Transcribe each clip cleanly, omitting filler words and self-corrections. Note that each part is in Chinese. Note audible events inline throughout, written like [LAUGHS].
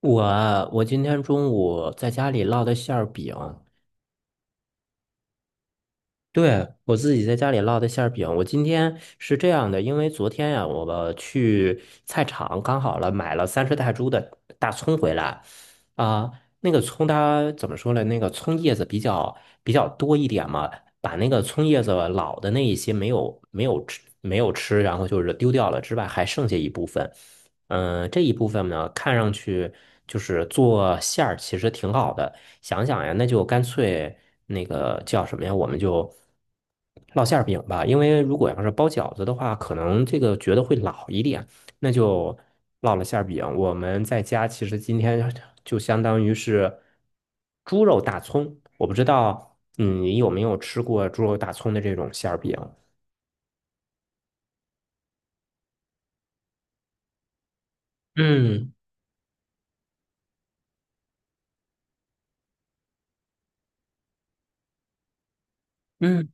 我今天中午在家里烙的馅儿饼，对，我自己在家里烙的馅儿饼。我今天是这样的，因为昨天呀、我去菜场刚好了买了30泰铢的大葱回来，啊、那个葱它怎么说呢？那个葱叶子比较多一点嘛，把那个葱叶子老的那一些没有吃，然后就是丢掉了之外，还剩下一部分。这一部分呢，看上去就是做馅儿，其实挺好的。想想呀，那就干脆那个叫什么呀？我们就烙馅儿饼吧，因为如果要是包饺子的话，可能这个觉得会老一点，那就烙了馅儿饼。我们在家其实今天 [LAUGHS] 就相当于是猪肉大葱，我不知道，你有没有吃过猪肉大葱的这种馅儿饼？嗯嗯，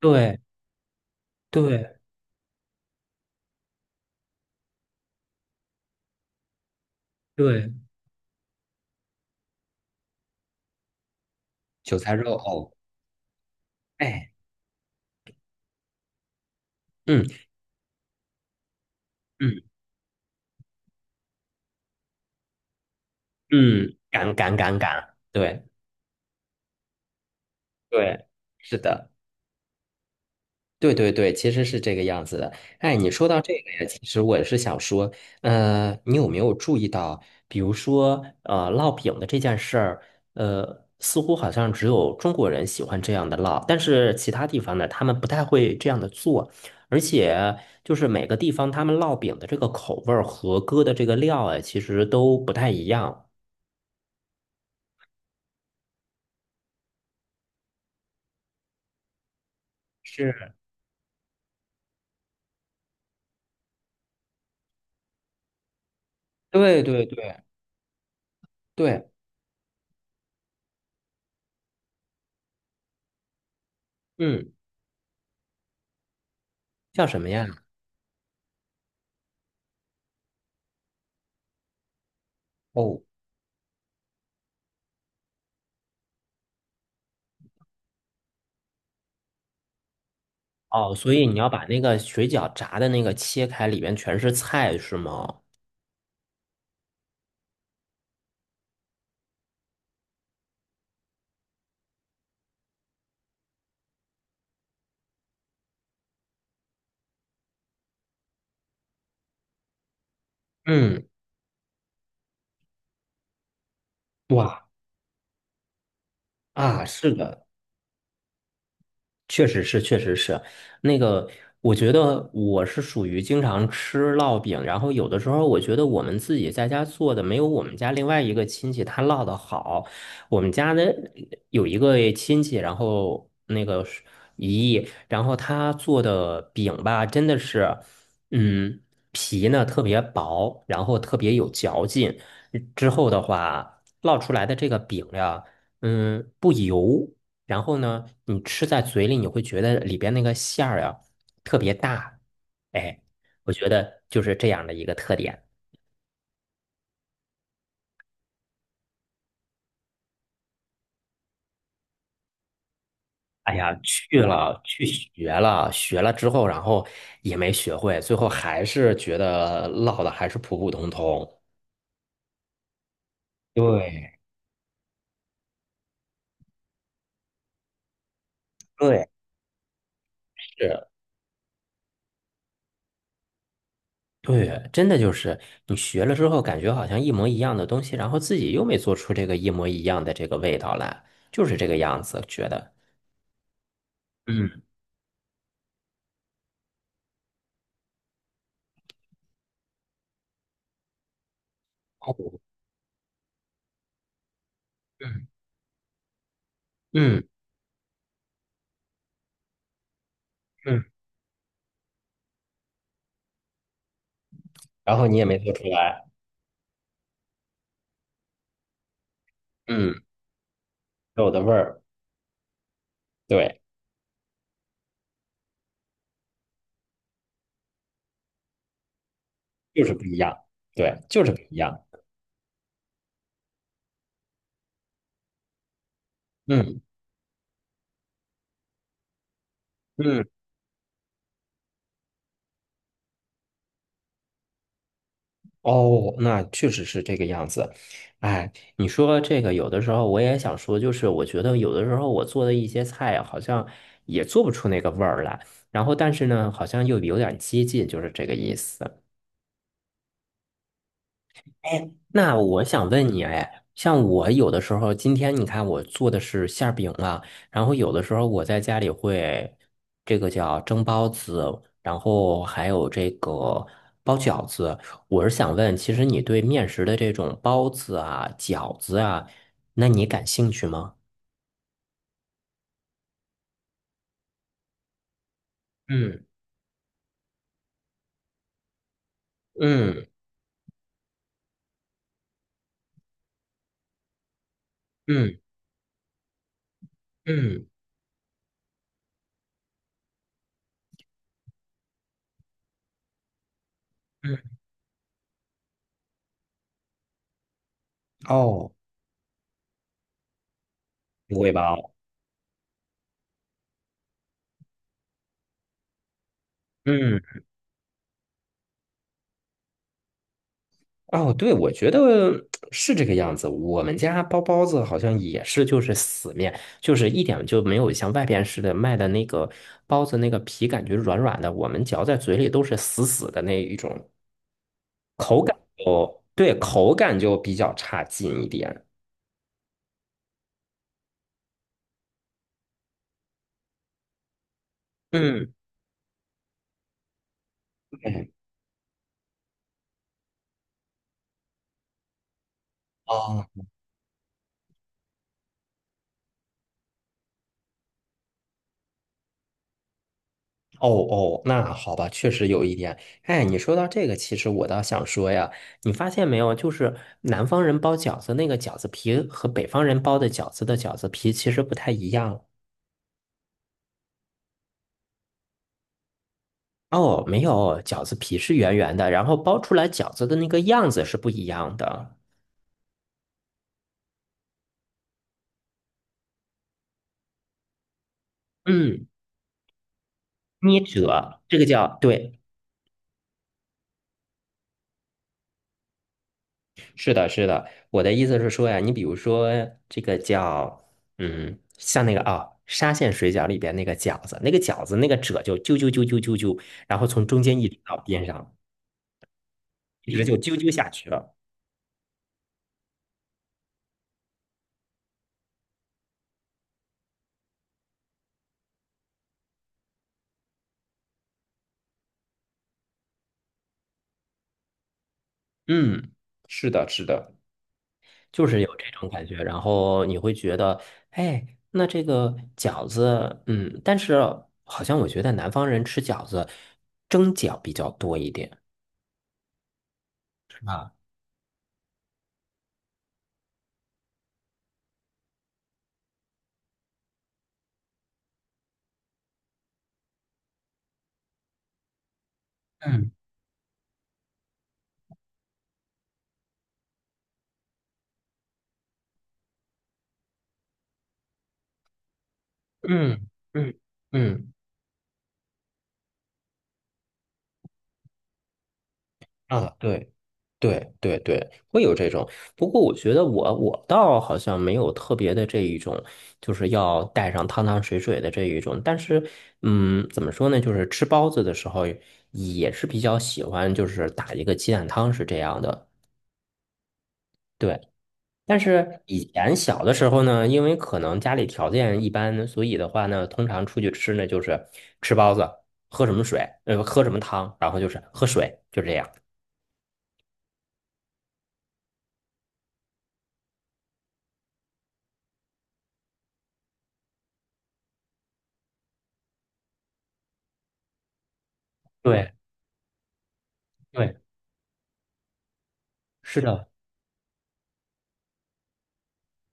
对对对，韭菜肉藕，哎，嗯嗯嗯，敢敢敢敢，对对，是的。对对对，其实是这个样子的。哎，你说到这个呀，其实我是想说，你有没有注意到，比如说，烙饼的这件事儿，似乎好像只有中国人喜欢这样的烙，但是其他地方呢，他们不太会这样的做，而且就是每个地方他们烙饼的这个口味儿和搁的这个料啊，其实都不太一样。是，对对对对，嗯，叫什么呀？哦。哦，所以你要把那个水饺炸的那个切开，里面全是菜，是吗？嗯，哇啊，是的，确实是，确实是，那个，我觉得我是属于经常吃烙饼，然后有的时候我觉得我们自己在家做的没有我们家另外一个亲戚他烙的好。我们家的有一个亲戚，然后那个是姨姨然后他做的饼吧，真的是，嗯，皮呢特别薄，然后特别有嚼劲。之后的话，烙出来的这个饼呀，不油。然后呢，你吃在嘴里，你会觉得里边那个馅儿呀特别大，哎，我觉得就是这样的一个特点。哎呀，去了去学了，学了之后，然后也没学会，最后还是觉得烙的还是普普通通。对对是，对，真的就是你学了之后，感觉好像一模一样的东西，然后自己又没做出这个一模一样的这个味道来，就是这个样子，觉得。嗯，好嗯嗯嗯。然后你也没做出来，嗯，肉的味儿，对，就是不一样，对，就是不一样，嗯嗯，哦，那确实是这个样子，哎，你说这个有的时候我也想说，就是我觉得有的时候我做的一些菜好像也做不出那个味儿来，然后但是呢，好像又有点接近，就是这个意思。那我想问你，哎，像我有的时候，今天你看我做的是馅儿饼啊，然后有的时候我在家里会这个叫蒸包子，然后还有这个包饺子。我是想问，其实你对面食的这种包子啊、饺子啊，那你感兴趣吗？嗯嗯嗯嗯嗯，哦，不会包，嗯。哦，对，我觉得是这个样子。我们家包包子好像也是，就是死面，就是一点就没有像外边似的卖的那个包子那个皮感觉软软的，我们嚼在嘴里都是死死的那一种。对，口感就比较差劲一点。嗯，嗯，哦，哦哦，那好吧，确实有一点。哎，你说到这个，其实我倒想说呀，你发现没有，就是南方人包饺子那个饺子皮和北方人包的饺子的饺子皮其实不太一样。哦，没有，饺子皮是圆圆的，然后包出来饺子的那个样子是不一样的。嗯，捏褶，这个叫，对，是的，是的。我的意思是说呀，你比如说这个叫，像那个啊，沙县水饺里边那个饺子，那个饺子那个褶就揪揪揪揪揪揪，然后从中间一直到边上，一直就揪揪下去了。嗯，是的，是的。就是有这种感觉，然后你会觉得，哎，那这个饺子，但是好像我觉得南方人吃饺子蒸饺比较多一点。嗯嗯嗯嗯，啊，对，对对对，会有这种。不过我觉得我倒好像没有特别的这一种，就是要带上汤汤水水的这一种。但是，怎么说呢？就是吃包子的时候也是比较喜欢，就是打一个鸡蛋汤是这样的。对。但是以前小的时候呢，因为可能家里条件一般，所以的话呢，通常出去吃呢就是吃包子，喝什么水，喝什么汤，然后就是喝水，就这样。对对，是的，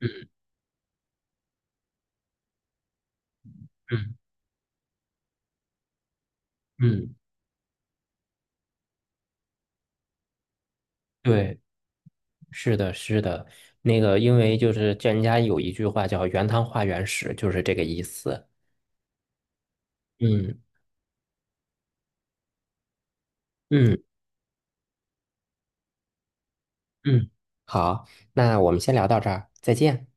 嗯嗯嗯，对，是的，是的，那个因为就是叫人家有一句话叫"原汤化原食"，就是这个意思。嗯嗯嗯，好，那我们先聊到这儿，再见。